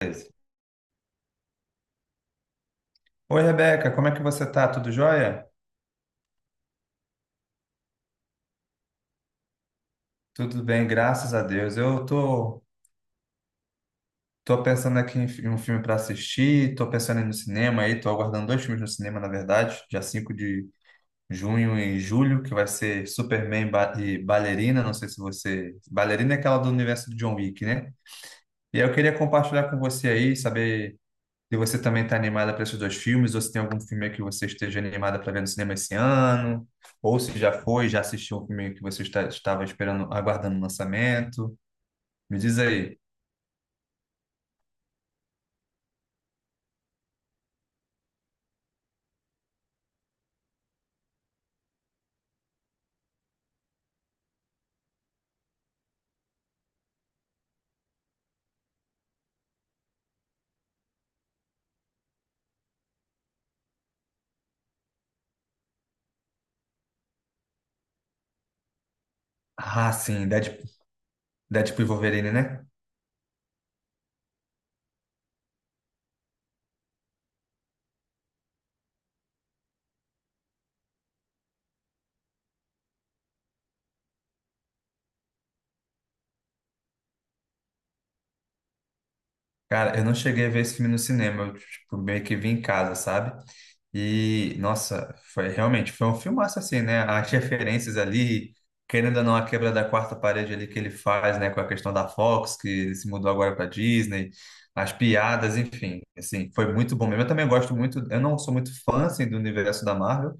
Beleza. Oi, Rebeca, como é que você tá? Tudo jóia? Tudo bem, graças a Deus. Eu tô, pensando aqui em um filme para assistir, tô pensando em ir no cinema aí, tô aguardando dois filmes no cinema, na verdade, dia 5 de junho e julho, que vai ser Superman e Ballerina, não sei se você... Ballerina é aquela do universo do John Wick, né? E aí eu queria compartilhar com você aí, saber se você também está animada para esses dois filmes, ou se tem algum filme que você esteja animada para ver no cinema esse ano, ou se já foi, já assistiu um filme que você está, estava esperando, aguardando o lançamento. Me diz aí. Ah, sim, Deadpool, Deadpool e Wolverine, né? Cara, eu não cheguei a ver esse filme no cinema, eu, tipo, meio que vi em casa, sabe? E, nossa, foi realmente, foi um filmaço assim, né? As referências ali, querendo ou não, a quebra da quarta parede ali que ele faz, né? Com a questão da Fox, que se mudou agora para Disney, as piadas, enfim, assim, foi muito bom mesmo. Eu também gosto muito, eu não sou muito fã, assim, do universo da Marvel,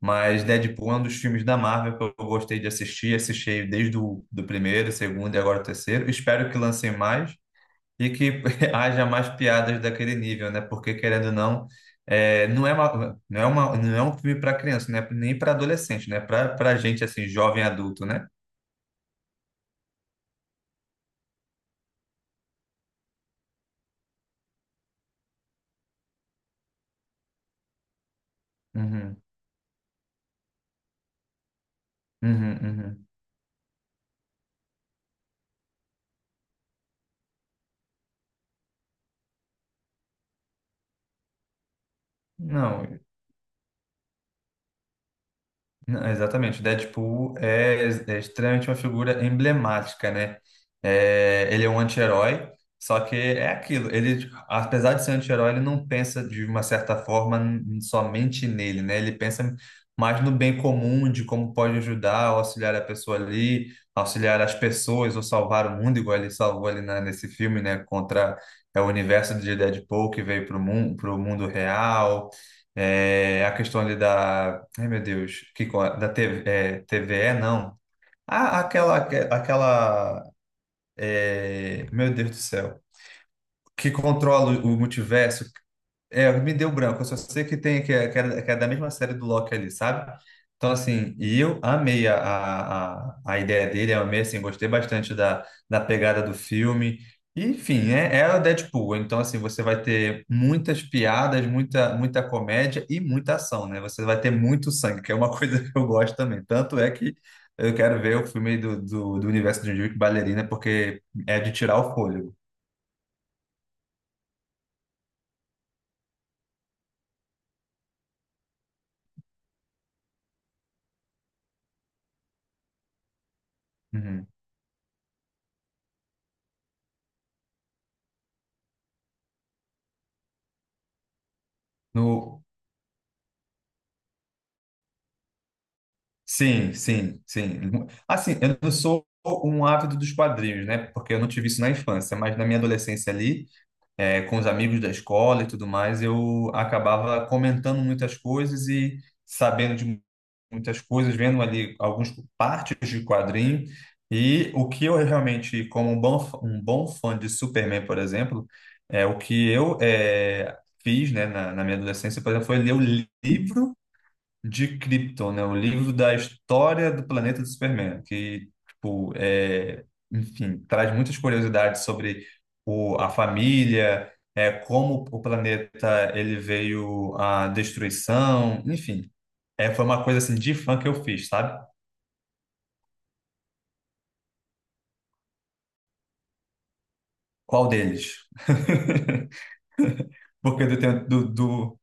mas Deadpool é um dos filmes da Marvel que eu gostei de assistir, assisti desde o do primeiro, segundo e agora o terceiro. Espero que lancem mais e que haja mais piadas daquele nível, né? Porque, querendo ou não, é, não é um filme para criança, né? Nem para adolescente, né? Para gente, assim, jovem adulto, né? Uhum, uhum, uhum. Não, Não, exatamente, o Deadpool é, é extremamente uma figura emblemática, né? É, ele é um anti-herói, só que é aquilo, ele, apesar de ser anti-herói, ele não pensa de uma certa forma somente nele, né? Ele pensa mais no bem comum, de como pode ajudar, auxiliar a pessoa ali, auxiliar as pessoas ou salvar o mundo, igual ele salvou ali nesse filme, né? Contra é, o universo de Deadpool que veio para o mundo real, é, a questão ali da... Ai, meu Deus. Que, da TV, é, TVE, não. Ah, aquela, aquela, é, meu Deus do céu. Que controla o multiverso, é, me deu branco. Eu só sei que tem que é da mesma série do Loki ali, sabe? Então, assim, e eu amei a ideia dele, eu amei, assim, gostei bastante da, da pegada do filme. E, enfim, é, é o Deadpool. Então, assim, você vai ter muitas piadas, muita, muita comédia e muita ação, né? Você vai ter muito sangue, que é uma coisa que eu gosto também. Tanto é que eu quero ver o filme do universo de Jujutsu Ballerina, porque é de tirar o fôlego. Uhum. No, sim, sim, sim. Assim, eu não sou um ávido dos quadrinhos, né? Porque eu não tive isso na infância, mas na minha adolescência ali, com os amigos da escola e tudo mais, eu acabava comentando muitas coisas e sabendo de muitas coisas, vendo ali algumas partes de quadrinho. E o que eu realmente, como um bom, um bom fã de Superman, por exemplo, é o que eu fiz, né, na minha adolescência, por exemplo, foi ler o livro de Krypton, né? O livro da história do planeta do Superman, que, tipo, é, enfim, traz muitas curiosidades sobre o, a família, é, como o planeta ele veio à destruição, enfim. É, foi uma coisa assim de fã que eu fiz, sabe? Qual deles? Porque do tempo do...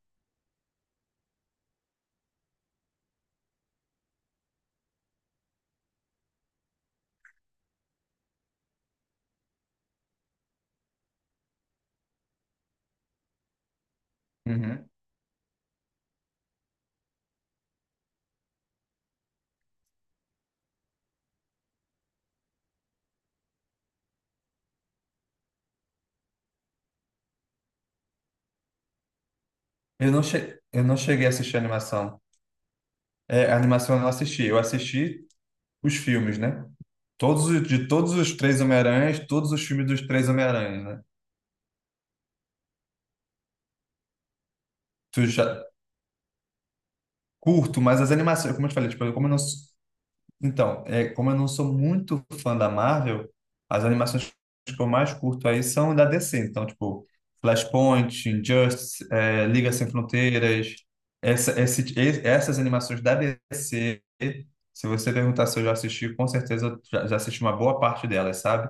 Uhum. Eu não cheguei a assistir a animação. É, a animação eu não assisti, eu assisti os filmes, né? Todos, de todos os 3 Homem-Aranhas, todos os filmes dos 3 Homem-Aranhas, né? Tu já curto, mas as animações, como eu te falei, tipo, como eu não, sou- então, é, como eu não sou muito fã da Marvel, as animações que eu mais curto aí são da DC. Então, tipo, Flashpoint, Injustice, é, Liga Sem Fronteiras, essas animações da DC, se você perguntar se eu já assisti, com certeza eu já, já assisti uma boa parte delas, sabe?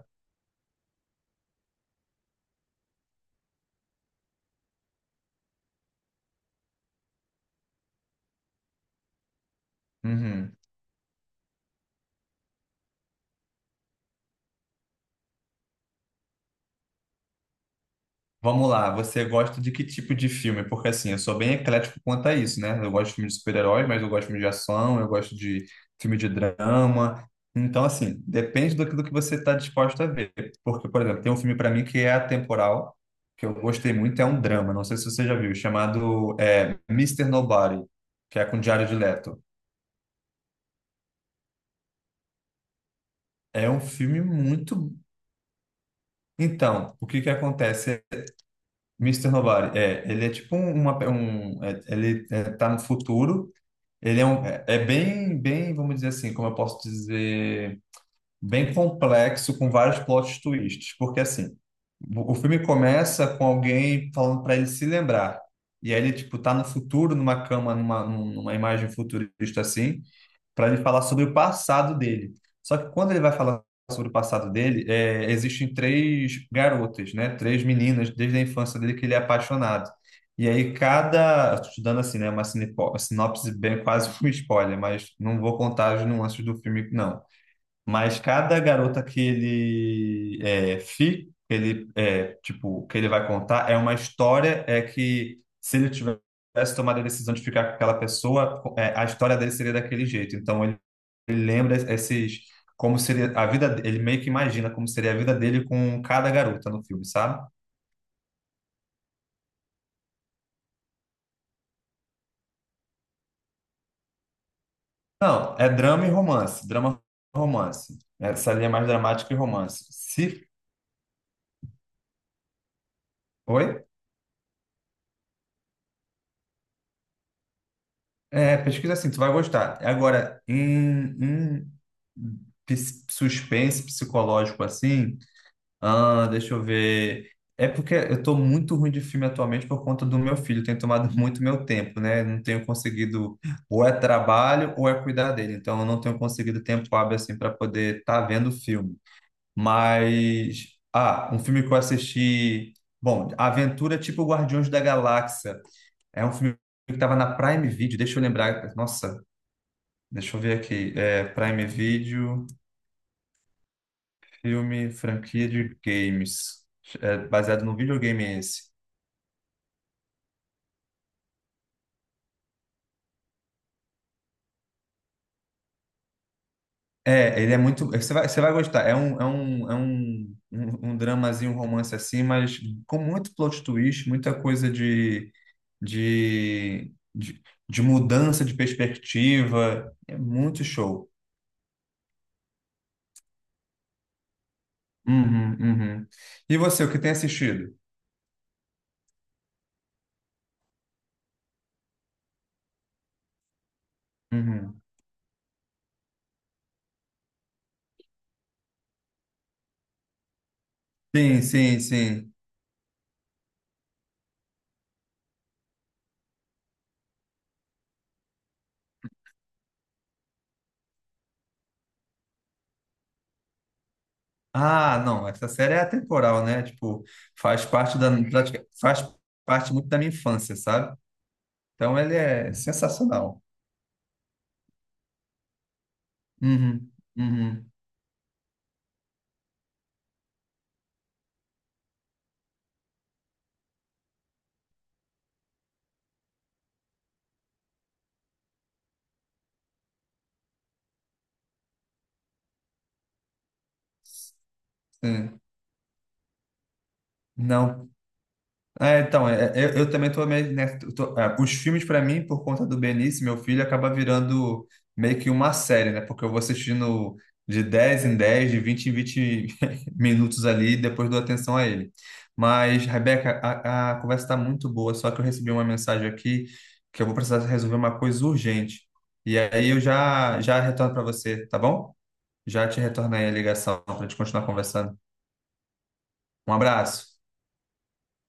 Uhum. Vamos lá, você gosta de que tipo de filme? Porque assim, eu sou bem eclético quanto a isso, né? Eu gosto de filme de super-herói, mas eu gosto de filme de ação, eu gosto de filme de drama. Então, assim, depende daquilo que do que você está disposto a ver. Porque, por exemplo, tem um filme para mim que é atemporal, que eu gostei muito, é um drama, não sei se você já viu, chamado é, Mr. Nobody, que é com Jared Leto. É um filme muito. Então, o que que acontece? Mister Nobody, é, ele é tipo um, é, ele é, tá no futuro. Ele é, um, é bem, bem, vamos dizer assim, como eu posso dizer, bem complexo, com vários plot twists, porque assim, o filme começa com alguém falando para ele se lembrar, e aí ele, tipo, tá no futuro, numa cama, numa imagem futurista assim, para ele falar sobre o passado dele. Só que quando ele vai falar sobre o passado dele, é, existem 3 garotas, né? 3 meninas desde a infância dele que ele é apaixonado. E aí cada, estou te dando assim, né? Uma sinopse bem quase um spoiler, mas não vou contar as nuances do filme, não. Mas cada garota que ele é, fica, que ele é, tipo, que ele vai contar é uma história é que se ele tivesse tomado a decisão de ficar com aquela pessoa, é, a história dele seria daquele jeito. Então ele lembra esses como seria a vida, ele meio que imagina como seria a vida dele com cada garota no filme, sabe? Não, é drama e romance, drama e romance. Essa linha é mais dramática e romance. Se, oi? É, pesquisa assim, tu vai gostar. Agora, em, em suspense psicológico assim, ah, deixa eu ver. É porque eu tô muito ruim de filme atualmente por conta do meu filho, tem tomado muito meu tempo, né? Não tenho conseguido, ou é trabalho ou é cuidar dele. Então, eu não tenho conseguido tempo hábil assim para poder estar vendo filme. Mas, ah, um filme que eu assisti, bom, Aventura tipo Guardiões da Galáxia. É um filme que estava na Prime Video, deixa eu lembrar. Nossa, deixa eu ver aqui. É, Prime Video, filme, franquia de games. É baseado no videogame esse. É, ele é muito. Você vai gostar. É um, é um, é um, um, um dramazinho, um romance assim, mas com muito plot twist, muita coisa de, de, de mudança de perspectiva. É muito show. Uhum, uhum. E você, o que tem assistido? Uhum. Sim, sim, sim. Ah, não, essa série é atemporal, né? Tipo, faz parte da, faz parte muito da minha infância, sabe? Então ele é sensacional. Uhum, uhum, sim. Não, é, então, é, é, eu também tô meio, né, é, os filmes para mim, por conta do Benício, meu filho, acaba virando meio que uma série, né? Porque eu vou assistindo de 10 em 10, de 20 em 20 minutos ali, e depois dou atenção a ele. Mas, Rebeca, a conversa está muito boa, só que eu recebi uma mensagem aqui que eu vou precisar resolver uma coisa urgente. E aí eu já, já retorno para você, tá bom? Já te retorno aí a ligação para a gente continuar conversando. Um abraço.